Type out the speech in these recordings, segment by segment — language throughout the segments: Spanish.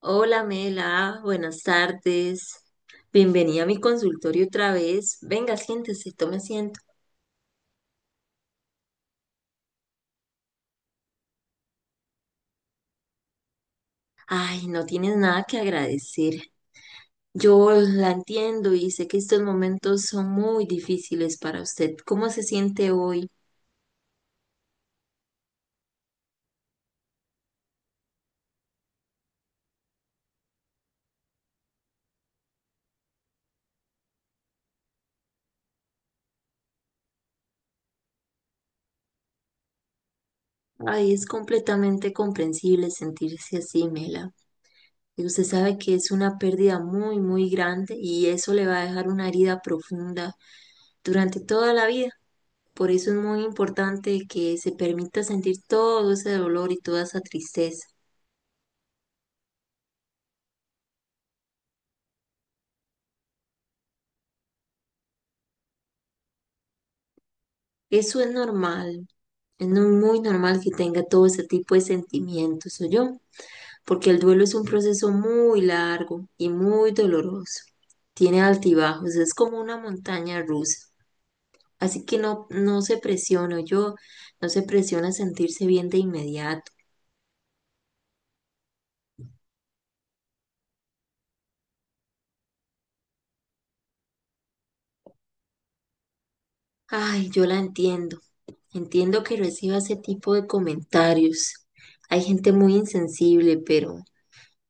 Hola Mela, buenas tardes. Bienvenida a mi consultorio otra vez. Venga, siéntese, tome asiento. Ay, no tienes nada que agradecer. Yo la entiendo y sé que estos momentos son muy difíciles para usted. ¿Cómo se siente hoy? Ay, es completamente comprensible sentirse así, Mela. Y usted sabe que es una pérdida muy, muy grande y eso le va a dejar una herida profunda durante toda la vida. Por eso es muy importante que se permita sentir todo ese dolor y toda esa tristeza. Eso es normal, es muy normal que tenga todo ese tipo de sentimientos, porque el duelo es un proceso muy largo y muy doloroso. Tiene altibajos, es como una montaña rusa. Así que no, no se presiona, no se presiona a sentirse bien de inmediato. Ay, yo la entiendo. Entiendo que reciba ese tipo de comentarios. Hay gente muy insensible,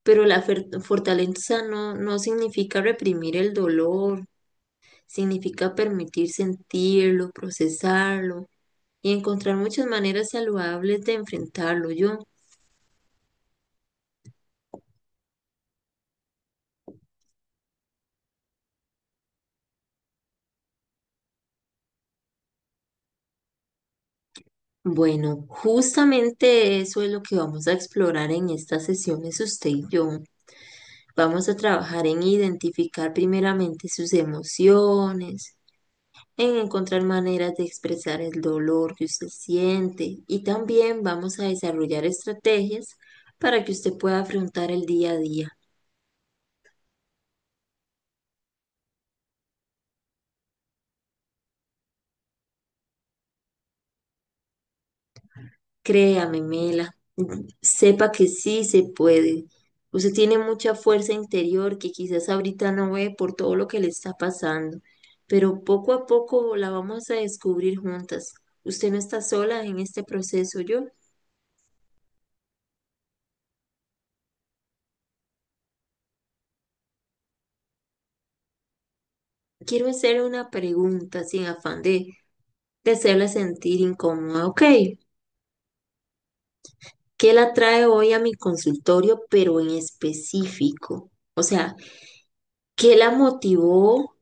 pero la fortaleza no, no significa reprimir el dolor, significa permitir sentirlo, procesarlo y encontrar muchas maneras saludables de enfrentarlo. Bueno, justamente eso es lo que vamos a explorar en estas sesiones usted y yo. Vamos a trabajar en identificar primeramente sus emociones en encontrar maneras de expresar el dolor que usted siente y también vamos a desarrollar estrategias para que usted pueda afrontar el día a día. Créame, Mela, sepa que sí se puede. Usted tiene mucha fuerza interior que quizás ahorita no ve por todo lo que le está pasando, pero poco a poco la vamos a descubrir juntas. Usted no está sola en este proceso. Yo quiero hacerle una pregunta sin afán de hacerla sentir incómoda, ¿ok? ¿Qué la trae hoy a mi consultorio, pero en específico? O sea, ¿qué la motivó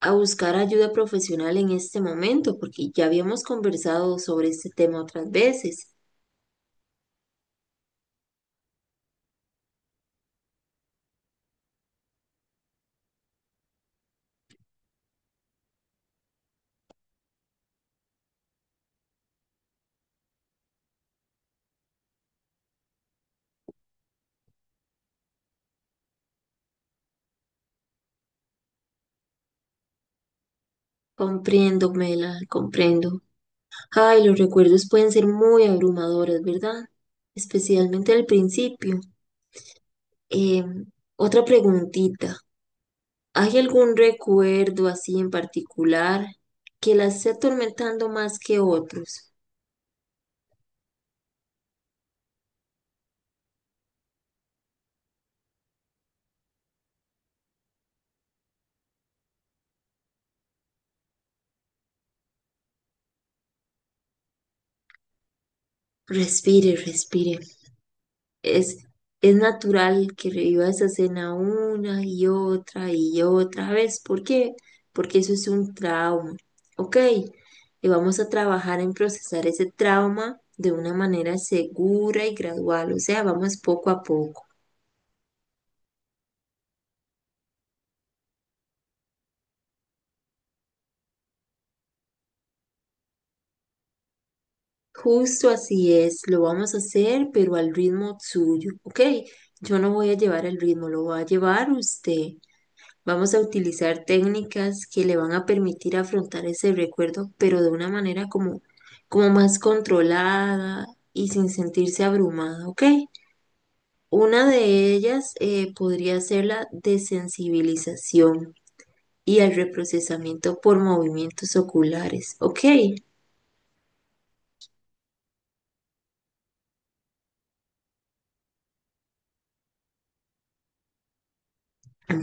a buscar ayuda profesional en este momento? Porque ya habíamos conversado sobre este tema otras veces. Comprendo, Mela, comprendo. Ay, los recuerdos pueden ser muy abrumadores, ¿verdad? Especialmente al principio. Eh, otra preguntita. ¿Hay algún recuerdo así en particular que la esté atormentando más que otros? Respire, respire. Es, es natural que reviva esa escena una y otra vez. ¿Por qué? Porque eso es un trauma. Ok, y vamos a trabajar en procesar ese trauma de una manera segura y gradual. O sea, vamos poco a poco. Justo así es, lo vamos a hacer, pero al ritmo suyo. Ok, yo no voy a llevar el ritmo, lo va a llevar usted. Vamos a utilizar técnicas que le van a permitir afrontar ese recuerdo, pero de una manera como más controlada y sin sentirse abrumada, ¿ok? Una de ellas podría ser la desensibilización y el reprocesamiento por movimientos oculares, ¿ok?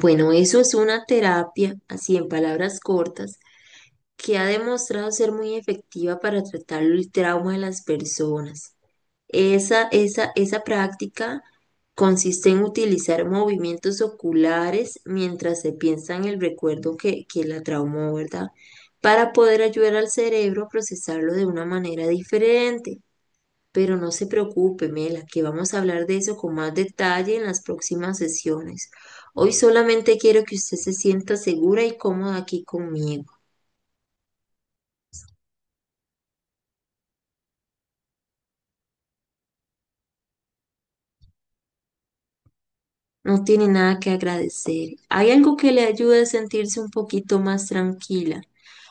Bueno, eso es una terapia, así en palabras cortas, que ha demostrado ser muy efectiva para tratar el trauma de las personas. Esa práctica consiste en utilizar movimientos oculares mientras se piensa en el recuerdo que la traumó, ¿verdad? Para poder ayudar al cerebro a procesarlo de una manera diferente. Pero no se preocupe, Mela, que vamos a hablar de eso con más detalle en las próximas sesiones. Hoy solamente quiero que usted se sienta segura y cómoda aquí conmigo. No tiene nada que agradecer. Hay algo que le ayude a sentirse un poquito más tranquila.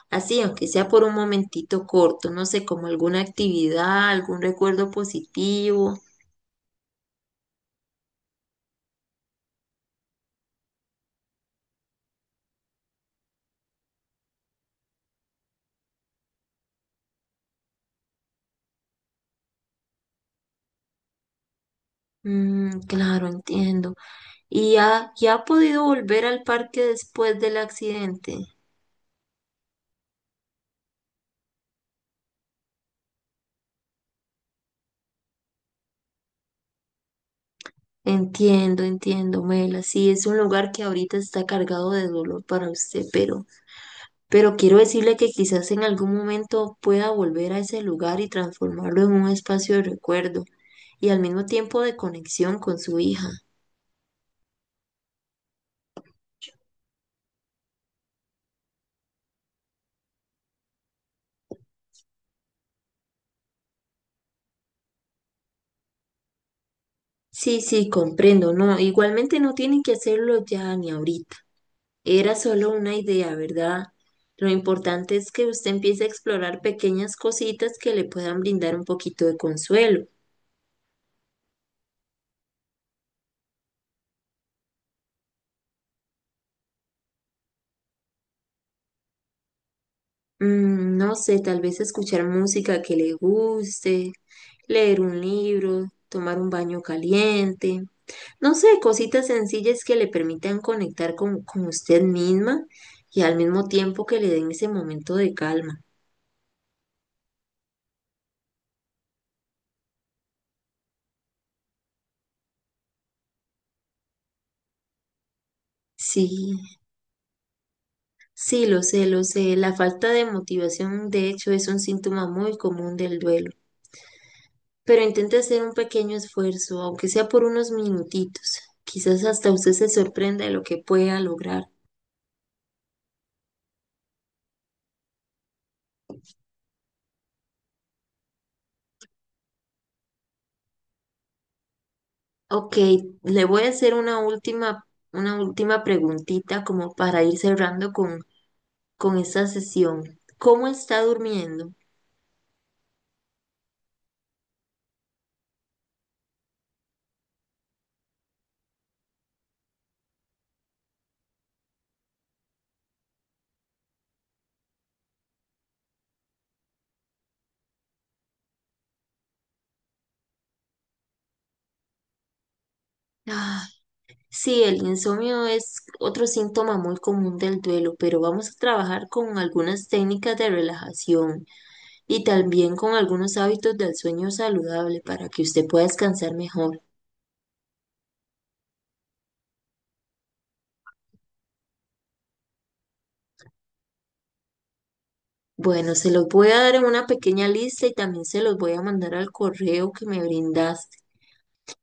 Así, aunque sea por un momentito corto, no sé, como alguna actividad, algún recuerdo positivo. Mm, claro, entiendo. ¿Y y ha podido volver al parque después del accidente? Entiendo, entiendo, Mela. Sí, es un lugar que ahorita está cargado de dolor para usted, pero quiero decirle que quizás en algún momento pueda volver a ese lugar y transformarlo en un espacio de recuerdo y al mismo tiempo de conexión con su hija. Sí, sí, comprendo, no, igualmente no tienen que hacerlo ya ni ahorita. Era solo una idea, ¿verdad? Lo importante es que usted empiece a explorar pequeñas cositas que le puedan brindar un poquito de consuelo. Mm, no sé, tal vez escuchar música que le guste, leer un libro, tomar un baño caliente. No sé, cositas sencillas que le permitan conectar con usted misma y al mismo tiempo que le den ese momento de calma. Sí, sí, lo sé, lo sé. La falta de motivación, de hecho, es un síntoma muy común del duelo. Pero intente hacer un pequeño esfuerzo, aunque sea por unos minutitos. Quizás hasta usted se sorprenda de lo que pueda lograr. Ok, le voy a hacer una última preguntita como para ir cerrando con esta sesión. ¿Cómo está durmiendo? Ah, sí, el insomnio es otro síntoma muy común del duelo, pero vamos a trabajar con algunas técnicas de relajación y también con algunos hábitos del sueño saludable para que usted pueda descansar mejor. Bueno, se los voy a dar en una pequeña lista y también se los voy a mandar al correo que me brindaste.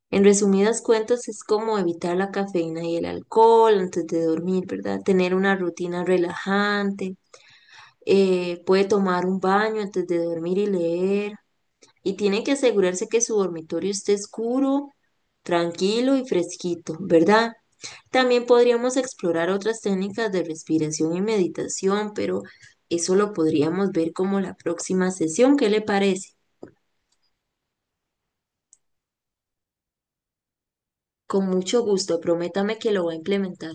En resumidas cuentas, es como evitar la cafeína y el alcohol antes de dormir, ¿verdad? Tener una rutina relajante, puede tomar un baño antes de dormir y leer. Y tienen que asegurarse que su dormitorio esté oscuro, tranquilo y fresquito, ¿verdad? También podríamos explorar otras técnicas de respiración y meditación, pero eso lo podríamos ver como la próxima sesión. ¿Qué le parece? Con mucho gusto, prométame que lo va a implementar.